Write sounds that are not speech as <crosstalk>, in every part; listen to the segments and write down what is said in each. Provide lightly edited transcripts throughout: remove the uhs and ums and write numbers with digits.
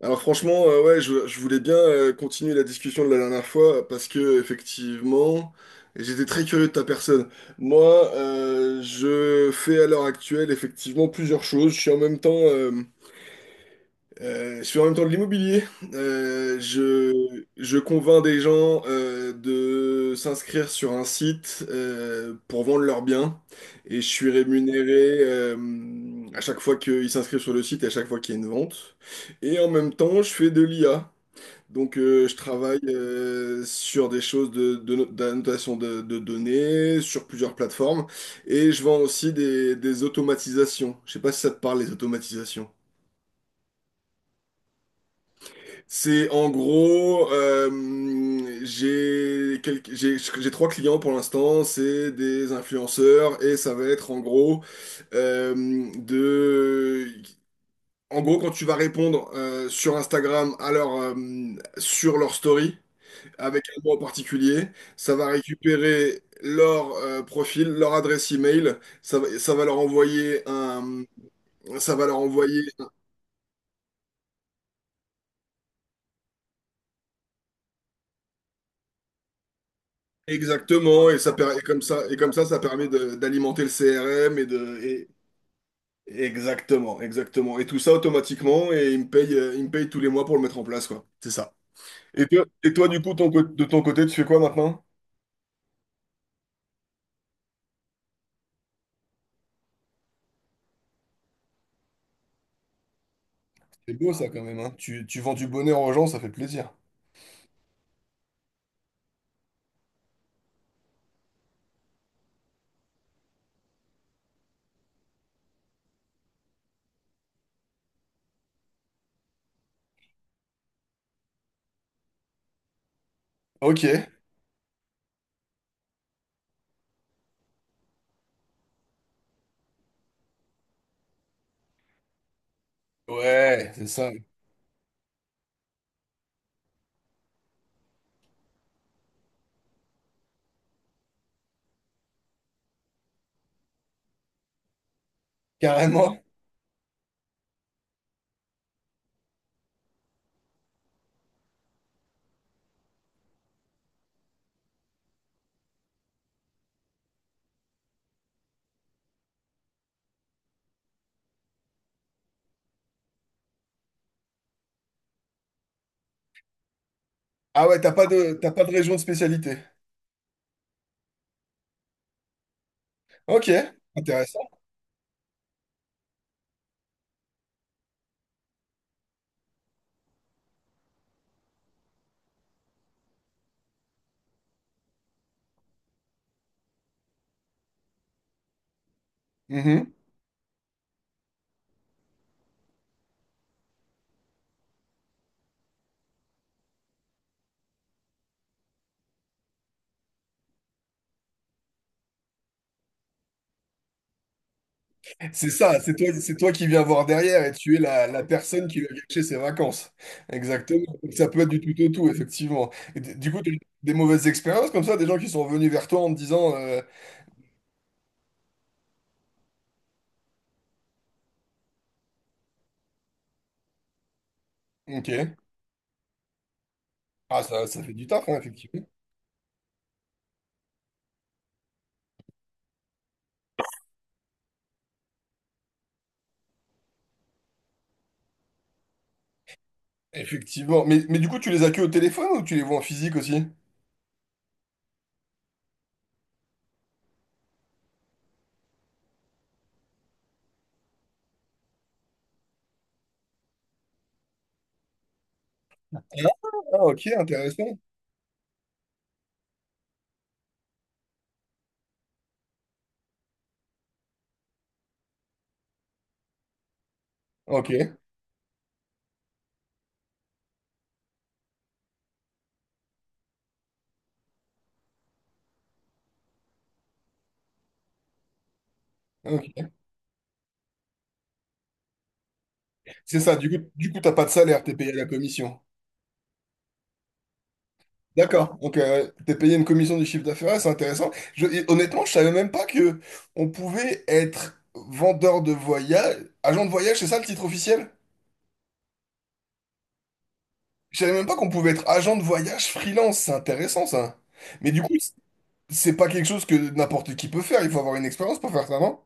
Alors franchement, ouais, je voulais bien continuer la discussion de la dernière fois parce que effectivement, j'étais très curieux de ta personne. Moi, je fais à l'heure actuelle effectivement plusieurs choses. Je suis en même temps de l'immobilier. Je convainc des gens de s'inscrire sur un site pour vendre leurs biens et je suis rémunéré à chaque fois qu'ils s'inscrivent sur le site et à chaque fois qu'il y a une vente. Et en même temps, je fais de l'IA. Donc, je travaille sur des choses de, no- d'annotation de données, sur plusieurs plateformes et je vends aussi des automatisations. Je sais pas si ça te parle, les automatisations. C'est en gros, j'ai trois clients pour l'instant, c'est des influenceurs et ça va être en gros euh, de, en gros quand tu vas répondre sur Instagram à leur sur leur story avec un mot en particulier, ça va récupérer leur profil, leur adresse email, ça va leur ça va leur envoyer. Exactement, et comme ça, ça permet d'alimenter le CRM exactement, exactement. Et tout ça automatiquement, et il me paye tous les mois pour le mettre en place, quoi. C'est ça. Et toi, du coup, de ton côté, tu fais quoi maintenant? C'est beau ça quand même, hein. Tu vends du bonheur aux gens, ça fait plaisir. Ok. Ouais, c'est ça. Carrément. Ah ouais, t'as pas de région de spécialité. Ok, intéressant. C'est ça, c'est toi qui viens voir derrière et tu es la personne qui lui a gâché ses vacances. Exactement. Donc, ça peut être du tout au tout, effectivement. Et du coup, tu as eu des mauvaises expériences comme ça, des gens qui sont venus vers toi en te disant ok, ah, ça fait du taf, hein, effectivement. Effectivement. Mais du coup, tu les as que au téléphone ou tu les vois en physique aussi? Ah, ok, intéressant. Ok, ok. C'est ça, du coup, t'as pas de salaire, t'es payé à la commission. D'accord, donc t'es payé une commission du chiffre d'affaires, c'est intéressant. Je- et honnêtement, je savais même pas que on pouvait être vendeur de voyage, agent de voyage, c'est ça le titre officiel? Je savais même pas qu'on pouvait être agent de voyage freelance, c'est intéressant ça. Mais du coup, c'est pas quelque chose que n'importe qui peut faire, il faut avoir une expérience pour faire ça, non?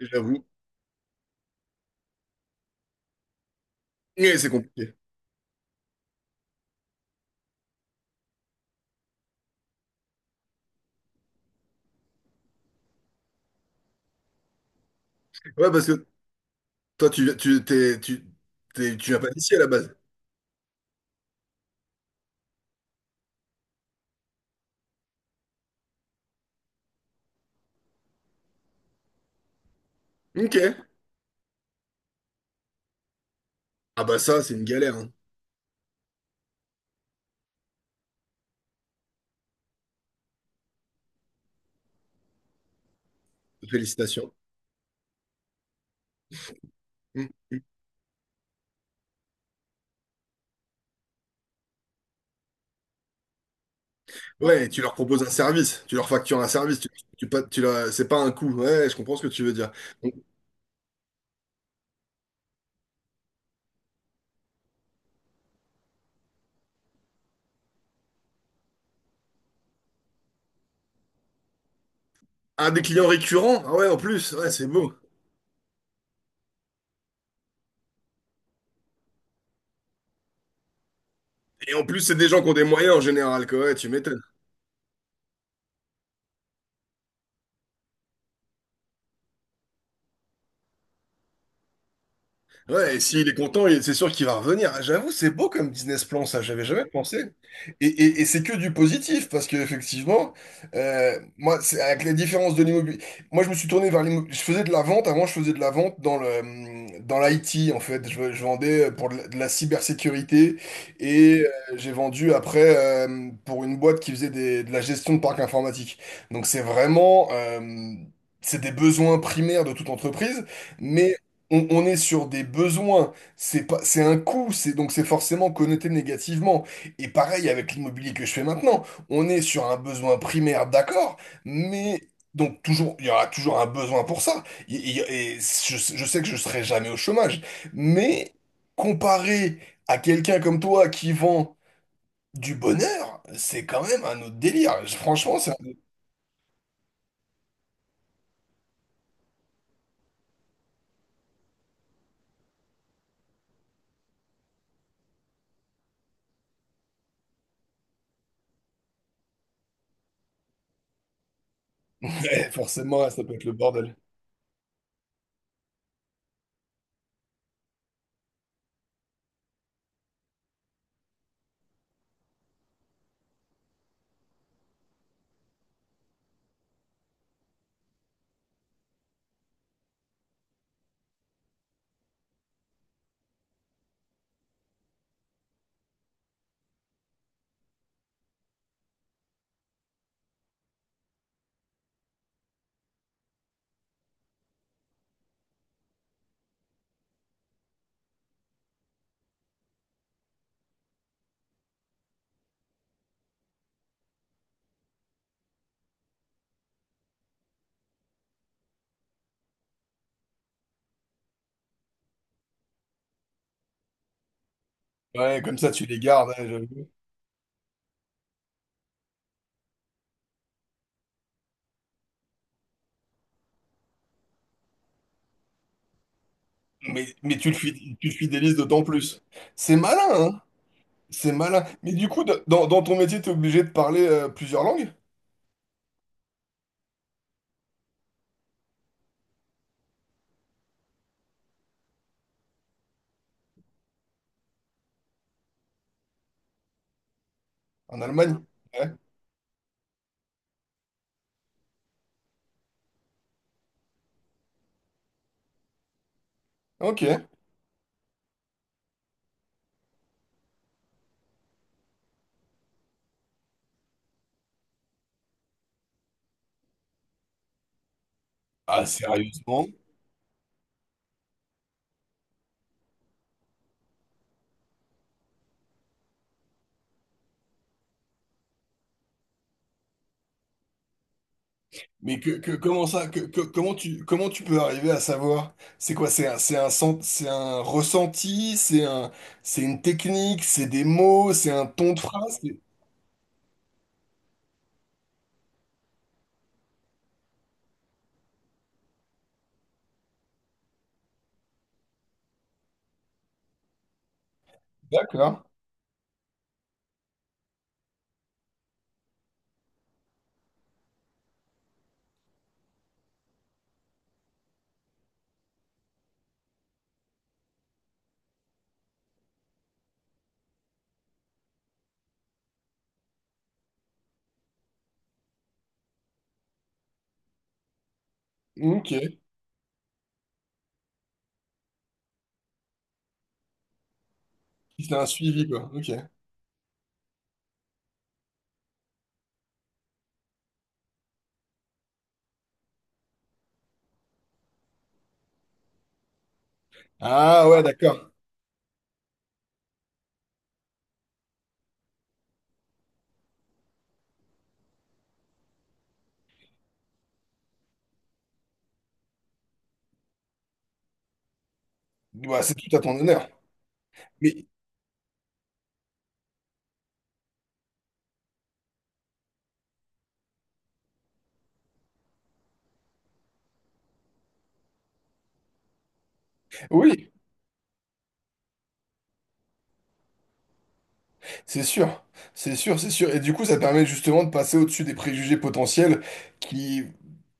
J'avoue. Mais c'est compliqué. Ouais, parce que toi, t'es, tu viens pas d'ici à la base. Ok. Ah bah ça, c'est une galère, hein. Félicitations. Mm. Ouais, tu leur proposes un service, tu leur factures un service, tu, pa- tu leur- c'est pas un coût. Ouais, je comprends ce que tu veux dire. Donc, un des clients récurrents, ah ouais, en plus, ouais, c'est beau. Et en plus, c'est des gens qui ont des moyens en général, quoi. Ouais, tu m'étonnes. Ouais, et s'il est content, c'est sûr qu'il va revenir. J'avoue, c'est beau comme business plan, ça, j'avais jamais pensé. Et c'est que du positif, parce que effectivement, moi, c'est avec les différences de l'immobilier. Moi, je me suis tourné vers l'immobilier. Je faisais de la vente, avant, je faisais de la vente dans l'IT, en fait. Je vendais pour de la cybersécurité et j'ai vendu après pour une boîte qui faisait de la gestion de parc informatique. Donc, c'est vraiment, c'est des besoins primaires de toute entreprise, mais on est sur des besoins, c'est pas, c'est un coût, c'est donc c'est forcément connoté négativement. Et pareil avec l'immobilier que je fais maintenant, on est sur un besoin primaire, d'accord, mais donc toujours, il y aura toujours un besoin pour ça. Et je sais que je serai jamais au chômage, mais comparé à quelqu'un comme toi qui vend du bonheur, c'est quand même un autre délire. Franchement, c'est un- <laughs> Ouais, forcément, ça peut être le bordel. Ouais, comme ça tu les gardes. Tu le fidélises d'autant plus. C'est malin, hein? C'est malin. Mais du coup, dans ton métier, t'es obligé de parler plusieurs langues? En Allemagne? Ouais. Ok. Ah, sérieusement? Comment ça? Comment comment tu peux arriver à savoir? C'est quoi? C'est un, c'est un ressenti? C'est une technique? C'est des mots? C'est un ton de phrase? C'est- D'accord. Ok. C'est un suivi, quoi. Ok. Ah ouais, d'accord. Bah, c'est tout à ton honneur. Mais oui, c'est sûr, c'est sûr, c'est sûr. Et du coup, ça permet justement de passer au-dessus des préjugés potentiels qui,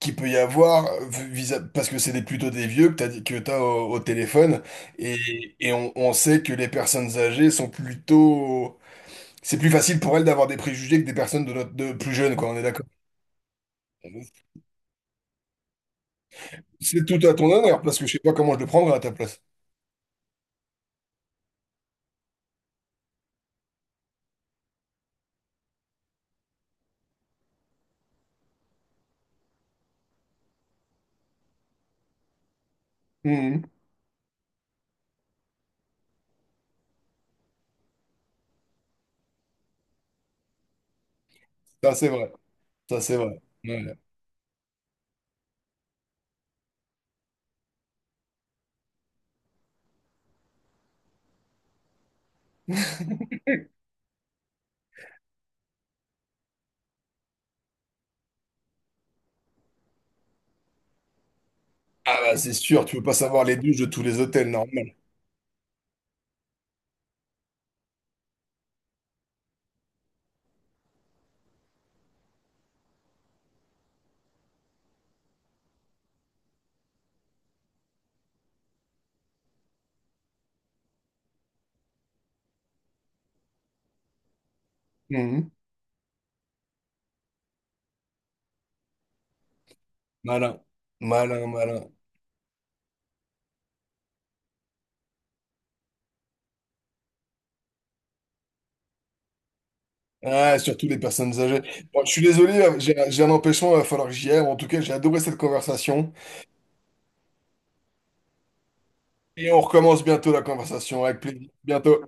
qui peut y avoir, parce que c'est plutôt des vieux que t'as au téléphone, et, et on sait que les personnes âgées sont plutôt... C'est plus facile pour elles d'avoir des préjugés que des personnes de plus jeunes, quoi, on est d'accord. C'est tout à ton honneur, parce que je sais pas comment je le prendrais à ta place. Mhm. Ça, c'est vrai, ça, c'est vrai. Ouais. Ah bah, c'est sûr, tu peux pas savoir les douches de tous les hôtels, normal. Malin, malin, malin. Ah, surtout les personnes âgées. Bon, je suis désolé, j'ai un empêchement, il va falloir que j'y aille. En tout cas, j'ai adoré cette conversation. Et on recommence bientôt la conversation, avec plaisir. Bientôt.